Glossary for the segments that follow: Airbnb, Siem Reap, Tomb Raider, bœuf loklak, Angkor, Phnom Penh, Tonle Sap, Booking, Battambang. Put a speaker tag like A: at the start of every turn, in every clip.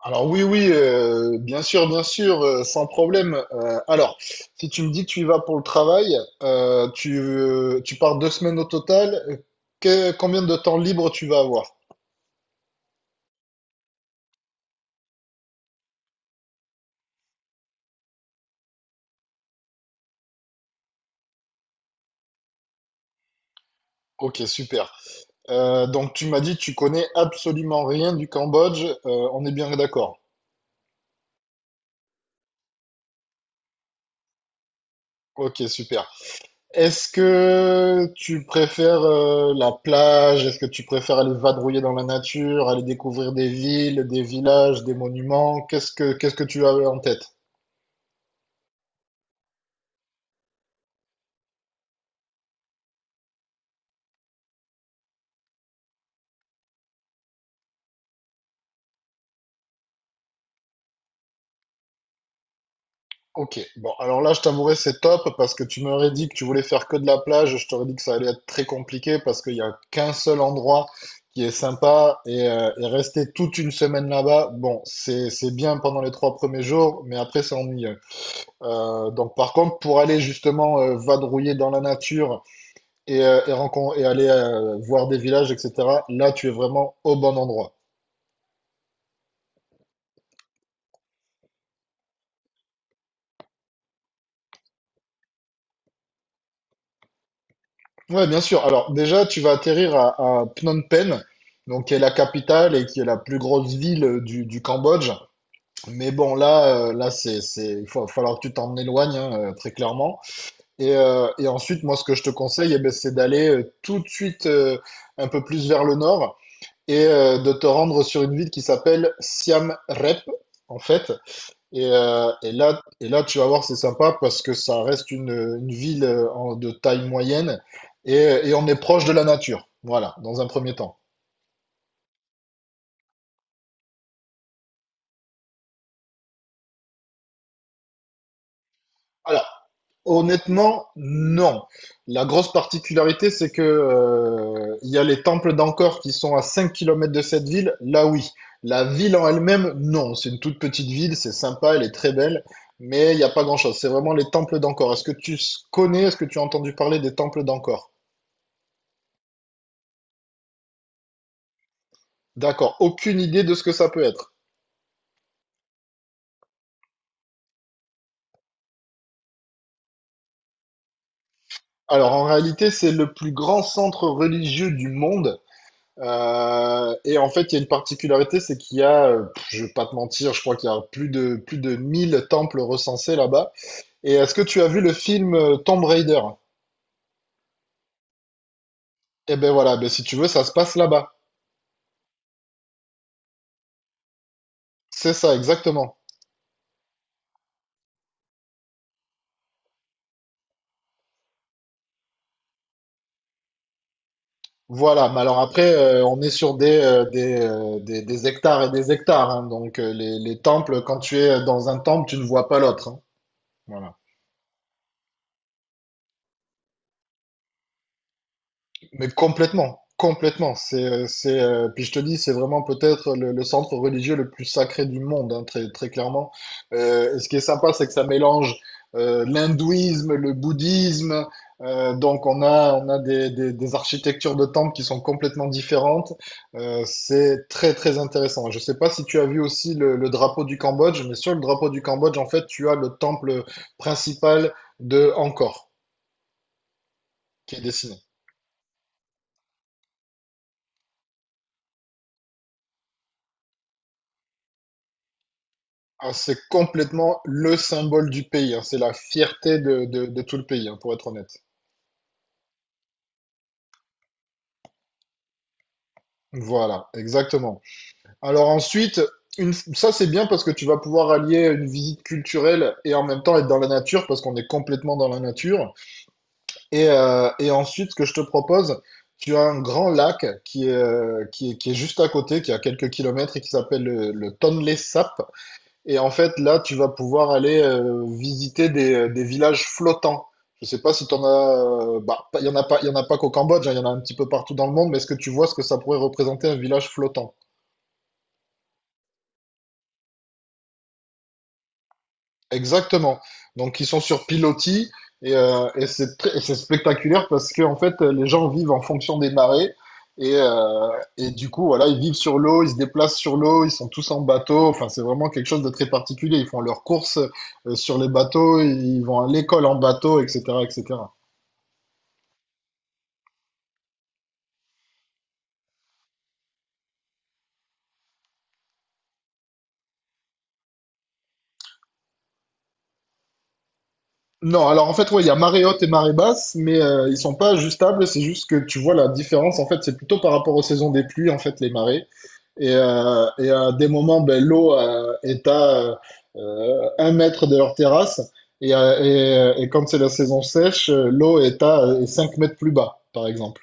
A: Alors oui, oui, bien sûr, sans problème. Alors, si tu me dis que tu y vas pour le travail, tu pars 2 semaines au total, combien de temps libre tu vas avoir? Ok, super. Donc tu m'as dit que tu connais absolument rien du Cambodge, on est bien d'accord. Ok, super. Est-ce que tu préfères la plage? Est-ce que tu préfères aller vadrouiller dans la nature, aller découvrir des villes, des villages, des monuments? Qu'est-ce que tu as en tête? Ok, bon, alors là, je t'avouerai, c'est top parce que tu m'aurais dit que tu voulais faire que de la plage. Je t'aurais dit que ça allait être très compliqué parce qu'il n'y a qu'un seul endroit qui est sympa et rester toute une semaine là-bas, bon, c'est bien pendant les 3 premiers jours, mais après, c'est ennuyeux. Donc, par contre, pour aller justement vadrouiller dans la nature et aller voir des villages, etc., là, tu es vraiment au bon endroit. Ouais, bien sûr. Alors déjà, tu vas atterrir à Phnom Penh, donc qui est la capitale et qui est la plus grosse ville du Cambodge. Mais bon, là, il va falloir que tu t'en éloignes, hein, très clairement. Et ensuite, moi, ce que je te conseille, eh ben, c'est d'aller tout de suite un peu plus vers le nord et de te rendre sur une ville qui s'appelle Siem Reap, en fait. Et là, tu vas voir, c'est sympa parce que ça reste une ville de taille moyenne et, et on est proche de la nature. Voilà, dans un premier temps. Alors, honnêtement, non. La grosse particularité, c'est que il y a les temples d'Angkor qui sont à 5 kilomètres de cette ville. Là, oui. La ville en elle-même, non. C'est une toute petite ville, c'est sympa, elle est très belle, mais il n'y a pas grand-chose. C'est vraiment les temples d'Angkor. Est-ce que tu connais, est-ce que tu as entendu parler des temples d'Angkor? D'accord, aucune idée de ce que ça peut être. Alors en réalité, c'est le plus grand centre religieux du monde. Et en fait, il y a une particularité, c'est qu'il y a, je vais pas te mentir, je crois qu'il y a plus de 1000 temples recensés là-bas. Et est-ce que tu as vu le film Tomb Raider? Eh ben voilà, ben si tu veux, ça se passe là-bas. C'est ça, exactement. Voilà, mais alors après, on est sur des hectares et des hectares, hein. Donc les temples, quand tu es dans un temple, tu ne vois pas l'autre, hein. Voilà. Mais complètement, complètement. Puis je te dis, c'est vraiment peut-être le centre religieux le plus sacré du monde, hein, très, très clairement. Et ce qui est sympa, c'est que ça mélange l'hindouisme, le bouddhisme. Donc on a des architectures de temples qui sont complètement différentes. C'est très, très intéressant. Je sais pas si tu as vu aussi le drapeau du Cambodge, mais sur le drapeau du Cambodge, en fait, tu as le temple principal de Angkor qui est dessiné. Ah, c'est complètement le symbole du pays, hein. C'est la fierté de tout le pays, hein, pour être honnête. Voilà, exactement. Alors ensuite, ça c'est bien parce que tu vas pouvoir allier une visite culturelle et en même temps être dans la nature parce qu'on est complètement dans la nature. Et ensuite, ce que je te propose, tu as un grand lac qui est juste à côté, qui est à quelques kilomètres et qui s'appelle le Tonle Sap. Et en fait, là, tu vas pouvoir aller visiter des villages flottants. Je sais pas si tu en as. Bah, pas- il y en a pas, il y en a pas qu'au Cambodge, hein, il y en a un petit peu partout dans le monde, mais est-ce que tu vois ce que ça pourrait représenter un village flottant? Exactement. Donc ils sont sur pilotis et c'est spectaculaire parce que en fait les gens vivent en fonction des marées et, euh, et du coup voilà ils vivent sur l'eau, ils se déplacent sur l'eau, ils sont tous en bateau. Enfin c'est vraiment quelque chose de très particulier. Ils font leurs courses sur les bateaux, ils vont à l'école en bateau, etc., etc. Non, alors en fait, ouais, il y a marée haute et marée basse, mais ils sont pas ajustables, c'est juste que tu vois la différence, en fait, c'est plutôt par rapport aux saisons des pluies, en fait, les marées. Et à des moments, ben, l'eau est à 1 mètre de leur terrasse. Et quand c'est la saison sèche, l'eau est à 5 mètres plus bas, par exemple.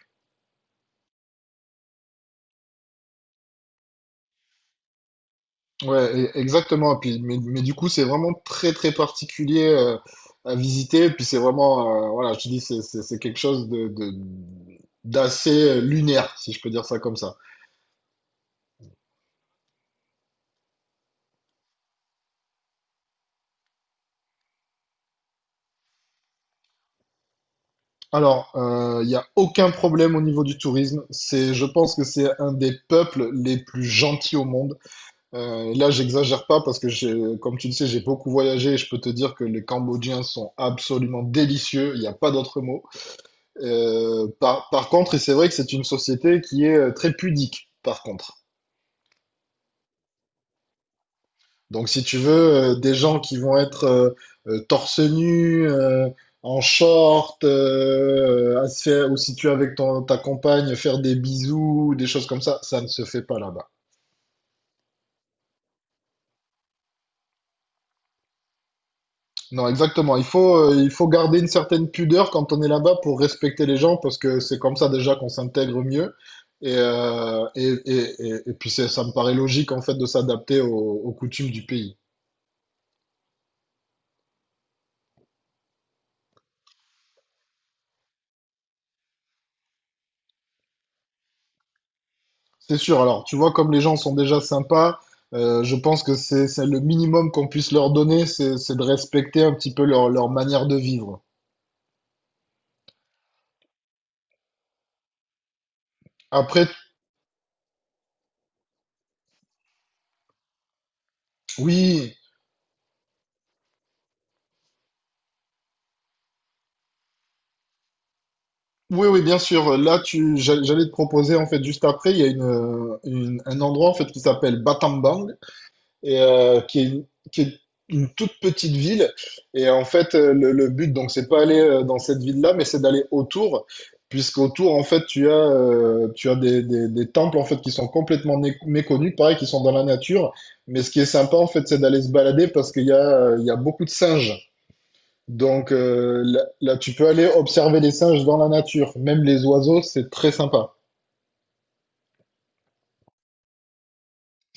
A: Ouais, exactement. Et puis, mais du coup, c'est vraiment très, très particulier à visiter. Et puis, c'est vraiment, voilà, je te dis, c'est quelque chose d'assez lunaire, si je peux dire ça comme ça. Alors, il n'y a aucun problème au niveau du tourisme. C'est, je pense que c'est un des peuples les plus gentils au monde. Là, j'exagère pas parce que, comme tu le sais, j'ai beaucoup voyagé et je peux te dire que les Cambodgiens sont absolument délicieux. Il n'y a pas d'autre mot. Par contre, et c'est vrai que c'est une société qui est très pudique, par contre. Donc, si tu veux, des gens qui vont être torse nu, en short, ou si tu es avec ta compagne, faire des bisous, des choses comme ça ne se fait pas là-bas. Non, exactement. Il faut garder une certaine pudeur quand on est là-bas pour respecter les gens parce que c'est comme ça déjà qu'on s'intègre mieux. Et puis ça me paraît logique en fait de s'adapter aux coutumes du pays. C'est sûr. Alors, tu vois, comme les gens sont déjà sympas, je pense que c'est le minimum qu'on puisse leur donner, c'est de respecter un petit peu leur manière de vivre. Après, oui, oui, oui, bien sûr. Là, j'allais te proposer en fait juste après, il y a un endroit en fait qui s'appelle Battambang. Et qui est une toute petite ville. Et en fait, le but, donc, c'est pas aller dans cette ville-là, mais c'est d'aller autour, puisqu'autour, en fait, tu as des temples, en fait, qui sont complètement méconnus, pareil, qui sont dans la nature. Mais ce qui est sympa, en fait, c'est d'aller se balader parce qu'il y a beaucoup de singes. Donc là, tu peux aller observer les singes dans la nature, même les oiseaux, c'est très sympa.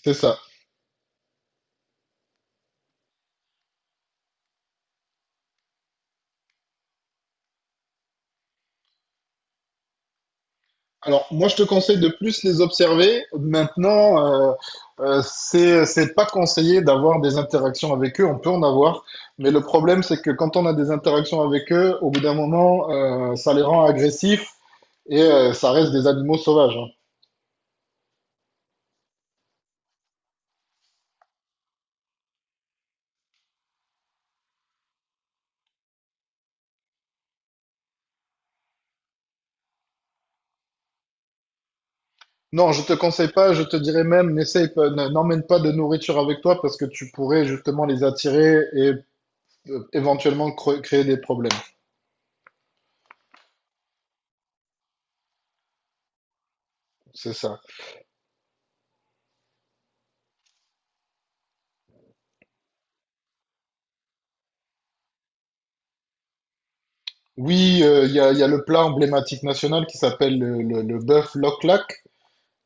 A: C'est ça. Alors, moi, je te conseille de plus les observer. Maintenant, c'est pas conseillé d'avoir des interactions avec eux. On peut en avoir, mais le problème, c'est que quand on a des interactions avec eux, au bout d'un moment, ça les rend agressifs et ça reste des animaux sauvages, hein. Non, je te conseille pas. Je te dirais même, n'essaye pas, n'emmène pas de nourriture avec toi parce que tu pourrais justement les attirer et éventuellement créer des problèmes. C'est ça. Oui, il y a le plat emblématique national qui s'appelle le bœuf loklak,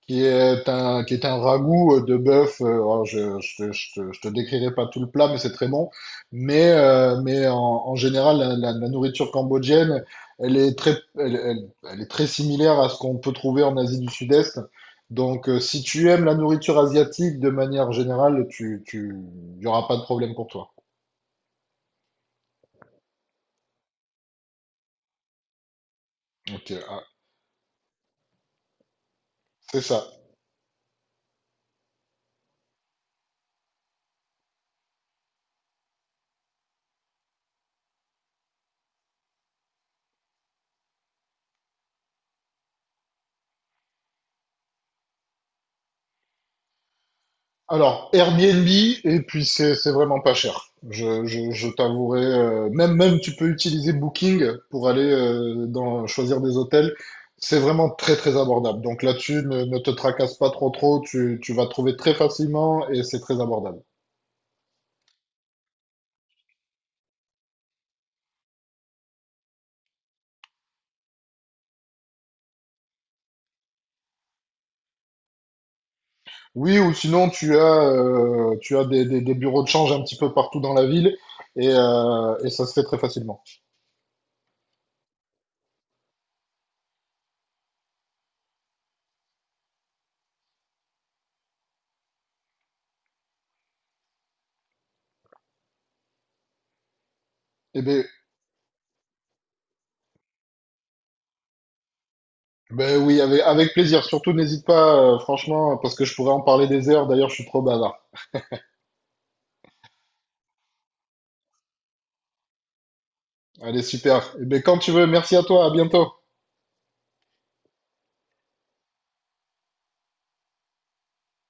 A: qui est un ragoût de bœuf. Alors, je te décrirai pas tout le plat, mais c'est très bon. Mais en général, la nourriture cambodgienne, elle est très similaire à ce qu'on peut trouver en Asie du Sud-Est. Donc, si tu aimes la nourriture asiatique de manière générale, il y aura pas de problème pour toi. Ok, ah, c'est ça. Alors, Airbnb, et puis c'est vraiment pas cher. Je t'avouerai, même tu peux utiliser Booking pour aller choisir des hôtels. C'est vraiment très très abordable. Donc là-dessus, ne te tracasse pas trop trop, tu vas trouver très facilement et c'est très abordable. Oui, ou sinon tu as des bureaux de change un petit peu partout dans la ville et ça se fait très facilement. Eh ben, oui, avec plaisir. Surtout n'hésite pas, franchement, parce que je pourrais en parler des heures. D'ailleurs, je suis trop bavard. Allez, super. Eh bien, quand tu veux, merci à toi, à bientôt.